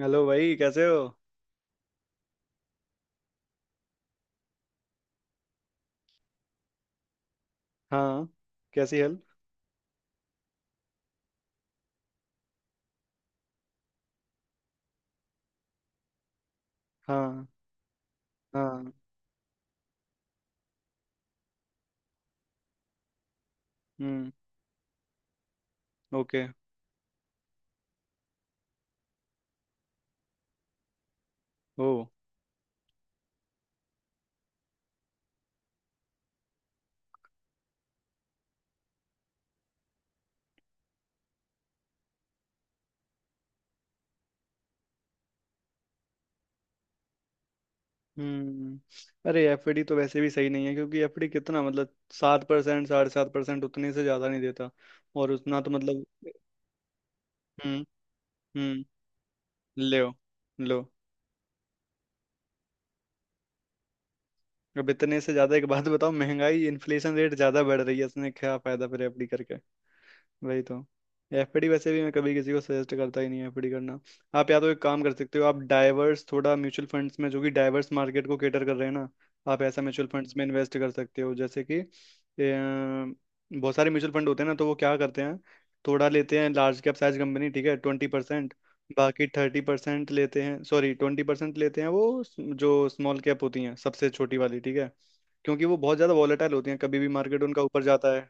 Hello भाई, कैसे हो? हाँ। कैसी हेल्प? हाँ, हाँ। हम्म। ओके। ओ। हम्म। अरे, एफडी तो वैसे भी सही नहीं है क्योंकि एफडी कितना मतलब 7% 7.5% उतने से ज़्यादा नहीं देता। और उतना तो मतलब। हम्म, हम्म। ले लो। अब इतने से ज़्यादा एक बात बताओ, महंगाई इन्फ्लेशन रेट ज़्यादा बढ़ रही है, इसने क्या फ़ायदा फिर एफडी करके। वही तो। एफडी वैसे भी मैं कभी किसी को सजेस्ट करता ही नहीं है एफडी करना। आप या तो एक काम कर सकते हो, आप डाइवर्स थोड़ा म्यूचुअल फंड्स में जो कि डाइवर्स मार्केट को केटर कर रहे हैं ना। आप ऐसा म्यूचुअल फंड्स में इन्वेस्ट कर सकते हो जैसे कि बहुत सारे म्यूचुअल फंड होते हैं ना, तो वो क्या करते हैं। थोड़ा लेते हैं लार्ज कैप साइज कंपनी, ठीक है, 20%। बाकी 30% लेते हैं, सॉरी 20% लेते हैं जो स्मॉल कैप होती हैं, सबसे छोटी वाली, ठीक है। क्योंकि वो बहुत ज़्यादा वॉलेटाइल होती हैं, कभी भी मार्केट उनका ऊपर जाता है,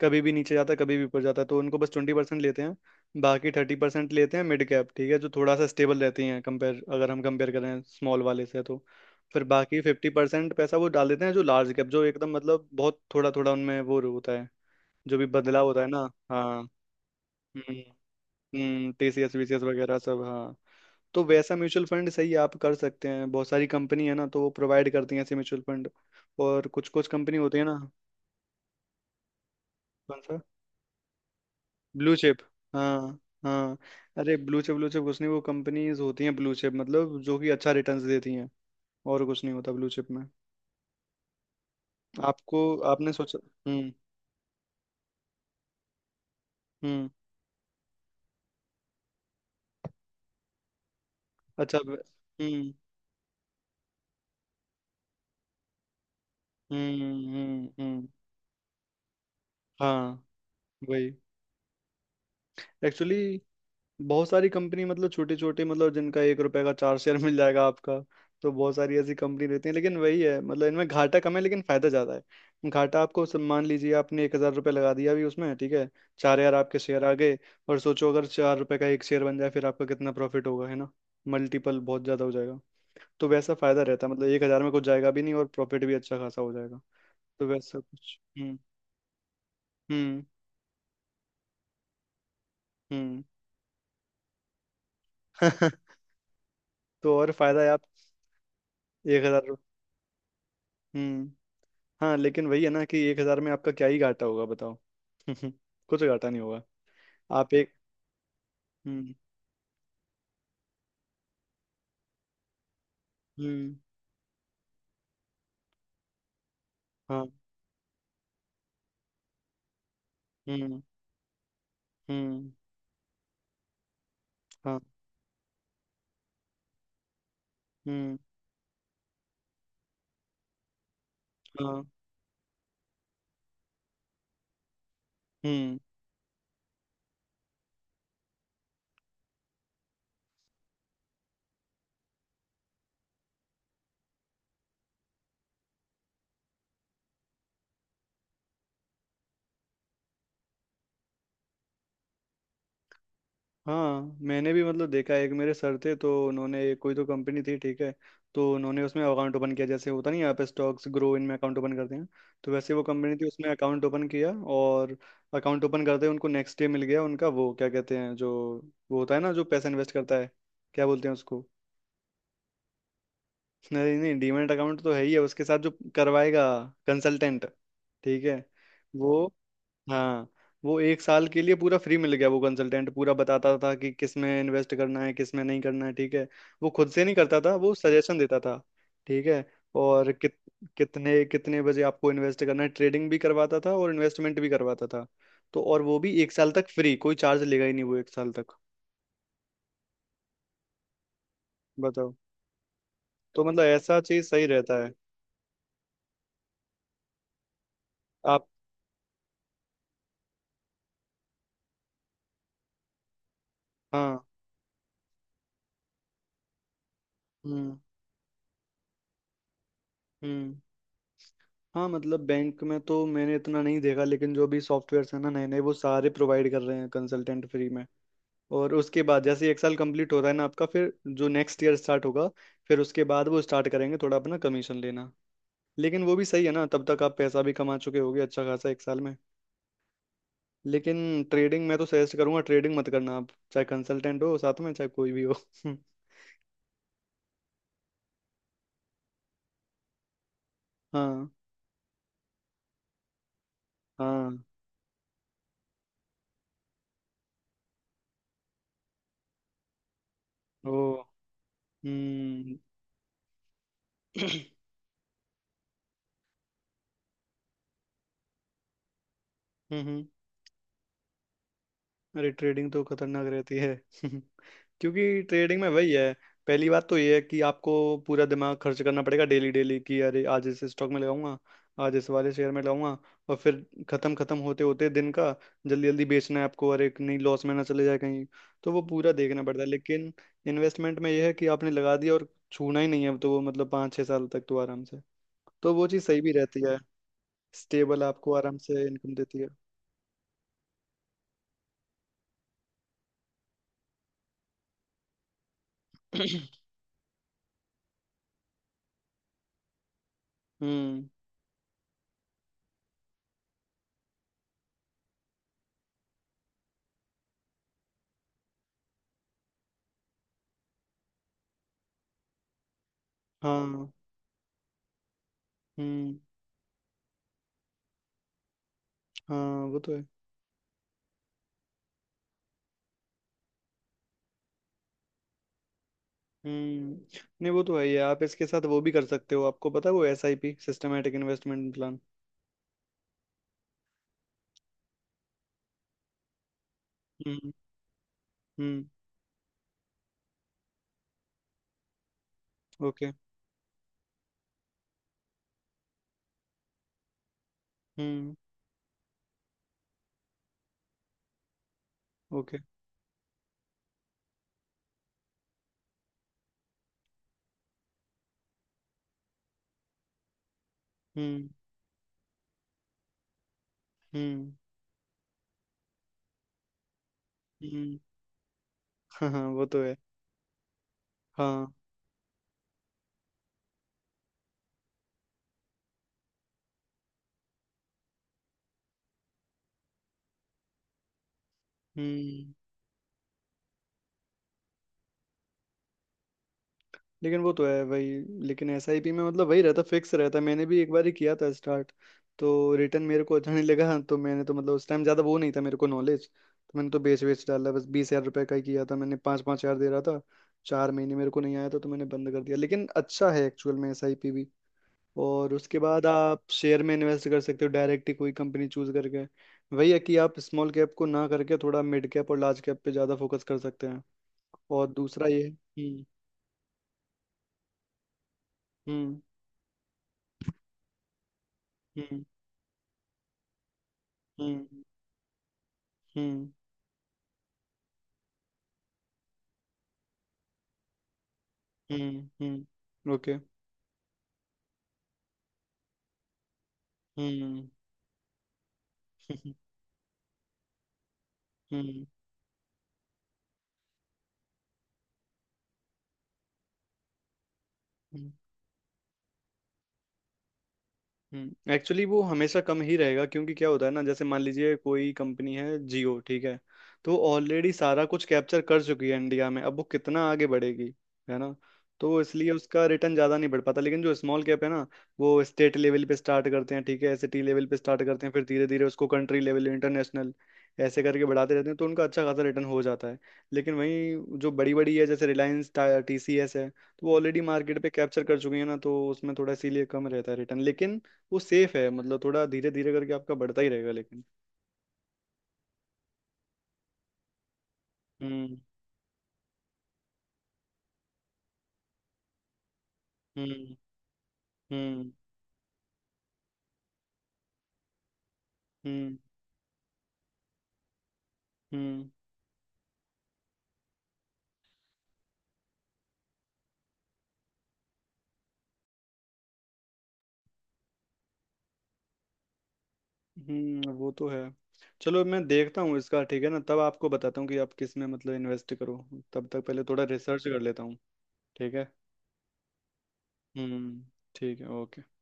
कभी भी नीचे जाता है, कभी भी ऊपर जाता है। तो उनको बस 20% लेते हैं, बाकी 30% लेते हैं मिड कैप, ठीक है, जो थोड़ा सा स्टेबल रहती हैं कंपेयर अगर हम कंपेयर करें स्मॉल वाले से तो। फिर बाकी 50% पैसा वो डाल देते हैं जो लार्ज कैप, जो एकदम मतलब बहुत थोड़ा थोड़ा उनमें वो होता है, जो भी बदलाव होता है ना। हाँ। हम्म, टीसीएस वीसीएस वगैरह सब। हाँ, तो वैसा म्यूचुअल फंड सही आप कर सकते हैं, बहुत सारी कंपनी है ना, तो वो प्रोवाइड करती हैं ऐसे म्यूचुअल फंड। और कुछ कुछ कंपनी होती है ना। कौन सा? Blue chip. हाँ। हाँ। अरे, ब्लू चिप कुछ नहीं, वो कंपनीज होती हैं ब्लू चिप मतलब जो कि अच्छा रिटर्न्स देती हैं। और कुछ नहीं होता ब्लू चिप में। आपको आपने सोचा। हम्म। हम्म। अच्छा। हम्म। हम्म। हम्म। हम्म। हाँ। वही। एक्चुअली बहुत सारी कंपनी मतलब छोटी छोटी, मतलब जिनका 1 रुपए का चार शेयर मिल जाएगा आपका। तो बहुत सारी ऐसी कंपनी रहती है, लेकिन वही है, मतलब इनमें घाटा कम है लेकिन फायदा ज्यादा है। घाटा आपको मान लीजिए आपने 1,000 रुपये लगा दिया अभी उसमें, ठीक है। 4,000 आपके शेयर आ गए। और सोचो अगर 4 रुपए का एक शेयर बन जाए, फिर आपका कितना प्रॉफिट होगा, है ना। मल्टीपल बहुत ज्यादा हो जाएगा। तो वैसा फायदा रहता है, मतलब 1,000 में कुछ जाएगा भी नहीं और प्रॉफिट भी अच्छा खासा हो जाएगा। तो वैसा कुछ। हम्म। हम्म। हम्म। तो और फायदा है आप 1,000। हम्म। हाँ, लेकिन वही है ना कि 1,000 में आपका क्या ही घाटा होगा, बताओ। कुछ घाटा नहीं होगा। आप एक। हम्म। हम्म। हाँ। हम्म। हम्म। हाँ। हम्म। हाँ। हम्म। हाँ, मैंने भी मतलब देखा है, एक मेरे सर थे तो उन्होंने कोई तो कंपनी थी, ठीक है। तो उन्होंने उसमें अकाउंट ओपन किया, जैसे होता नहीं है, आप स्टॉक्स ग्रो इनमें अकाउंट ओपन करते हैं। तो वैसे वो कंपनी थी, उसमें अकाउंट ओपन किया, और अकाउंट ओपन करते ही उनको नेक्स्ट डे मिल गया उनका वो क्या कहते हैं, जो वो होता है ना जो पैसा इन्वेस्ट करता है, क्या बोलते हैं उसको। नहीं नहीं, डीमैट अकाउंट तो है ही है उसके साथ, जो करवाएगा, कंसल्टेंट। ठीक है। वो। हाँ। वो एक साल के लिए पूरा फ्री मिल गया वो कंसल्टेंट, पूरा बताता था कि किस में इन्वेस्ट करना है, किस में नहीं करना है, ठीक है। वो खुद से नहीं करता था, वो सजेशन देता था। ठीक है। और कितने कितने बजे आपको इन्वेस्ट करना है, ट्रेडिंग भी करवाता था और इन्वेस्टमेंट भी करवाता था। तो और वो भी एक साल तक फ्री, कोई चार्ज लेगा ही नहीं वो एक साल तक। बताओ। तो मतलब ऐसा चीज सही रहता है। आप। हाँ। हम्म। हम्म। हाँ, मतलब बैंक में तो मैंने इतना नहीं देखा, लेकिन जो भी सॉफ्टवेयर्स हैं ना नए नए, वो सारे प्रोवाइड कर रहे हैं कंसल्टेंट फ्री में। और उसके बाद जैसे एक साल कंप्लीट हो रहा है ना आपका, फिर जो नेक्स्ट ईयर स्टार्ट होगा, फिर उसके बाद वो स्टार्ट करेंगे थोड़ा अपना कमीशन लेना। लेकिन वो भी सही है ना, तब तक आप पैसा भी कमा चुके होगे अच्छा खासा एक साल में। लेकिन ट्रेडिंग, मैं तो सजेस्ट करूंगा ट्रेडिंग मत करना आप, चाहे कंसल्टेंट हो साथ में, चाहे कोई भी हो। हाँ। हाँ। ओ। हम्म। हम्म। हम्म। अरे, ट्रेडिंग तो खतरनाक रहती है। क्योंकि ट्रेडिंग में वही है, पहली बात तो ये है कि आपको पूरा दिमाग खर्च करना पड़ेगा डेली डेली, कि अरे आज इस स्टॉक में लगाऊंगा, आज इस वाले शेयर में लगाऊंगा, और फिर खत्म खत्म होते होते दिन का जल्दी जल्दी बेचना है आपको, अरे नहीं लॉस में ना चले जाए कहीं। तो वो पूरा देखना पड़ता है, लेकिन इन्वेस्टमेंट में यह है कि आपने लगा दिया और छूना ही नहीं है, तो वो मतलब 5-6 साल तक तो आराम से, तो वो चीज़ सही भी रहती है। स्टेबल आपको आराम से इनकम देती है। हम्म। हाँ। हम्म। हाँ, वो तो है। हम्म। नहीं, वो तो है ही है, आप इसके साथ वो भी कर सकते हो, आपको पता है वो SIP, सिस्टमेटिक इन्वेस्टमेंट प्लान। हम्म। हम्म। ओके। हम्म। ओके। हम्म। हम्म। हम्म। हाँ, हाँ, वो तो है। हाँ। हम्म। लेकिन वो तो है वही। लेकिन एसआईपी में मतलब वही रहता फिक्स रहता, मैंने भी एक बार ही किया था स्टार्ट। तो रिटर्न मेरे को अच्छा नहीं लगा, तो मैंने तो मतलब उस टाइम ज़्यादा वो नहीं था मेरे को नॉलेज, तो मैंने तो बेच बेच डाला। बस 20,000 रुपये का ही किया था मैंने, पाँच पाँच हज़ार दे रहा था 4 महीने, मेरे को नहीं आया था, तो मैंने बंद कर दिया। लेकिन अच्छा है एक्चुअल में एसआईपी भी। और उसके बाद आप शेयर में इन्वेस्ट कर सकते हो, डायरेक्ट ही कोई कंपनी चूज करके। वही है कि आप स्मॉल कैप को ना करके थोड़ा मिड कैप और लार्ज कैप पे ज़्यादा फोकस कर सकते हैं। और दूसरा ये। हम्म। हम्म। हम्म। हम्म। हम्म। हम्म। हम्म। ओके। हम्म। हम्म। हम्म। हम्म। एक्चुअली वो हमेशा कम ही रहेगा, क्योंकि क्या होता है ना, जैसे मान लीजिए कोई कंपनी है जियो, ठीक है, तो ऑलरेडी सारा कुछ कैप्चर कर चुकी है इंडिया में, अब वो कितना आगे बढ़ेगी, है ना। तो इसलिए उसका रिटर्न ज़्यादा नहीं बढ़ पाता, लेकिन जो स्मॉल कैप है ना, वो स्टेट लेवल पे स्टार्ट करते हैं, ठीक है, सिटी लेवल पे स्टार्ट करते हैं, फिर धीरे धीरे उसको कंट्री लेवल इंटरनेशनल, ऐसे करके बढ़ाते रहते हैं, तो उनका अच्छा खासा रिटर्न हो जाता है। लेकिन वहीं जो बड़ी बड़ी है जैसे रिलायंस टीसीएस है, तो वो ऑलरेडी मार्केट पे कैप्चर कर चुकी है ना, तो उसमें थोड़ा इसीलिए कम रहता है रिटर्न। लेकिन वो सेफ है, मतलब थोड़ा धीरे धीरे करके आपका बढ़ता ही रहेगा, लेकिन। हम्म। हम्म। हम्म। हम्म। हम्म। हम्म। वो तो है। चलो मैं देखता हूँ इसका, ठीक है ना, तब आपको बताता हूँ कि आप किस में मतलब इन्वेस्ट करो। तब तक पहले थोड़ा रिसर्च कर लेता हूँ। ठीक है। हम्म। ठीक है, ओके।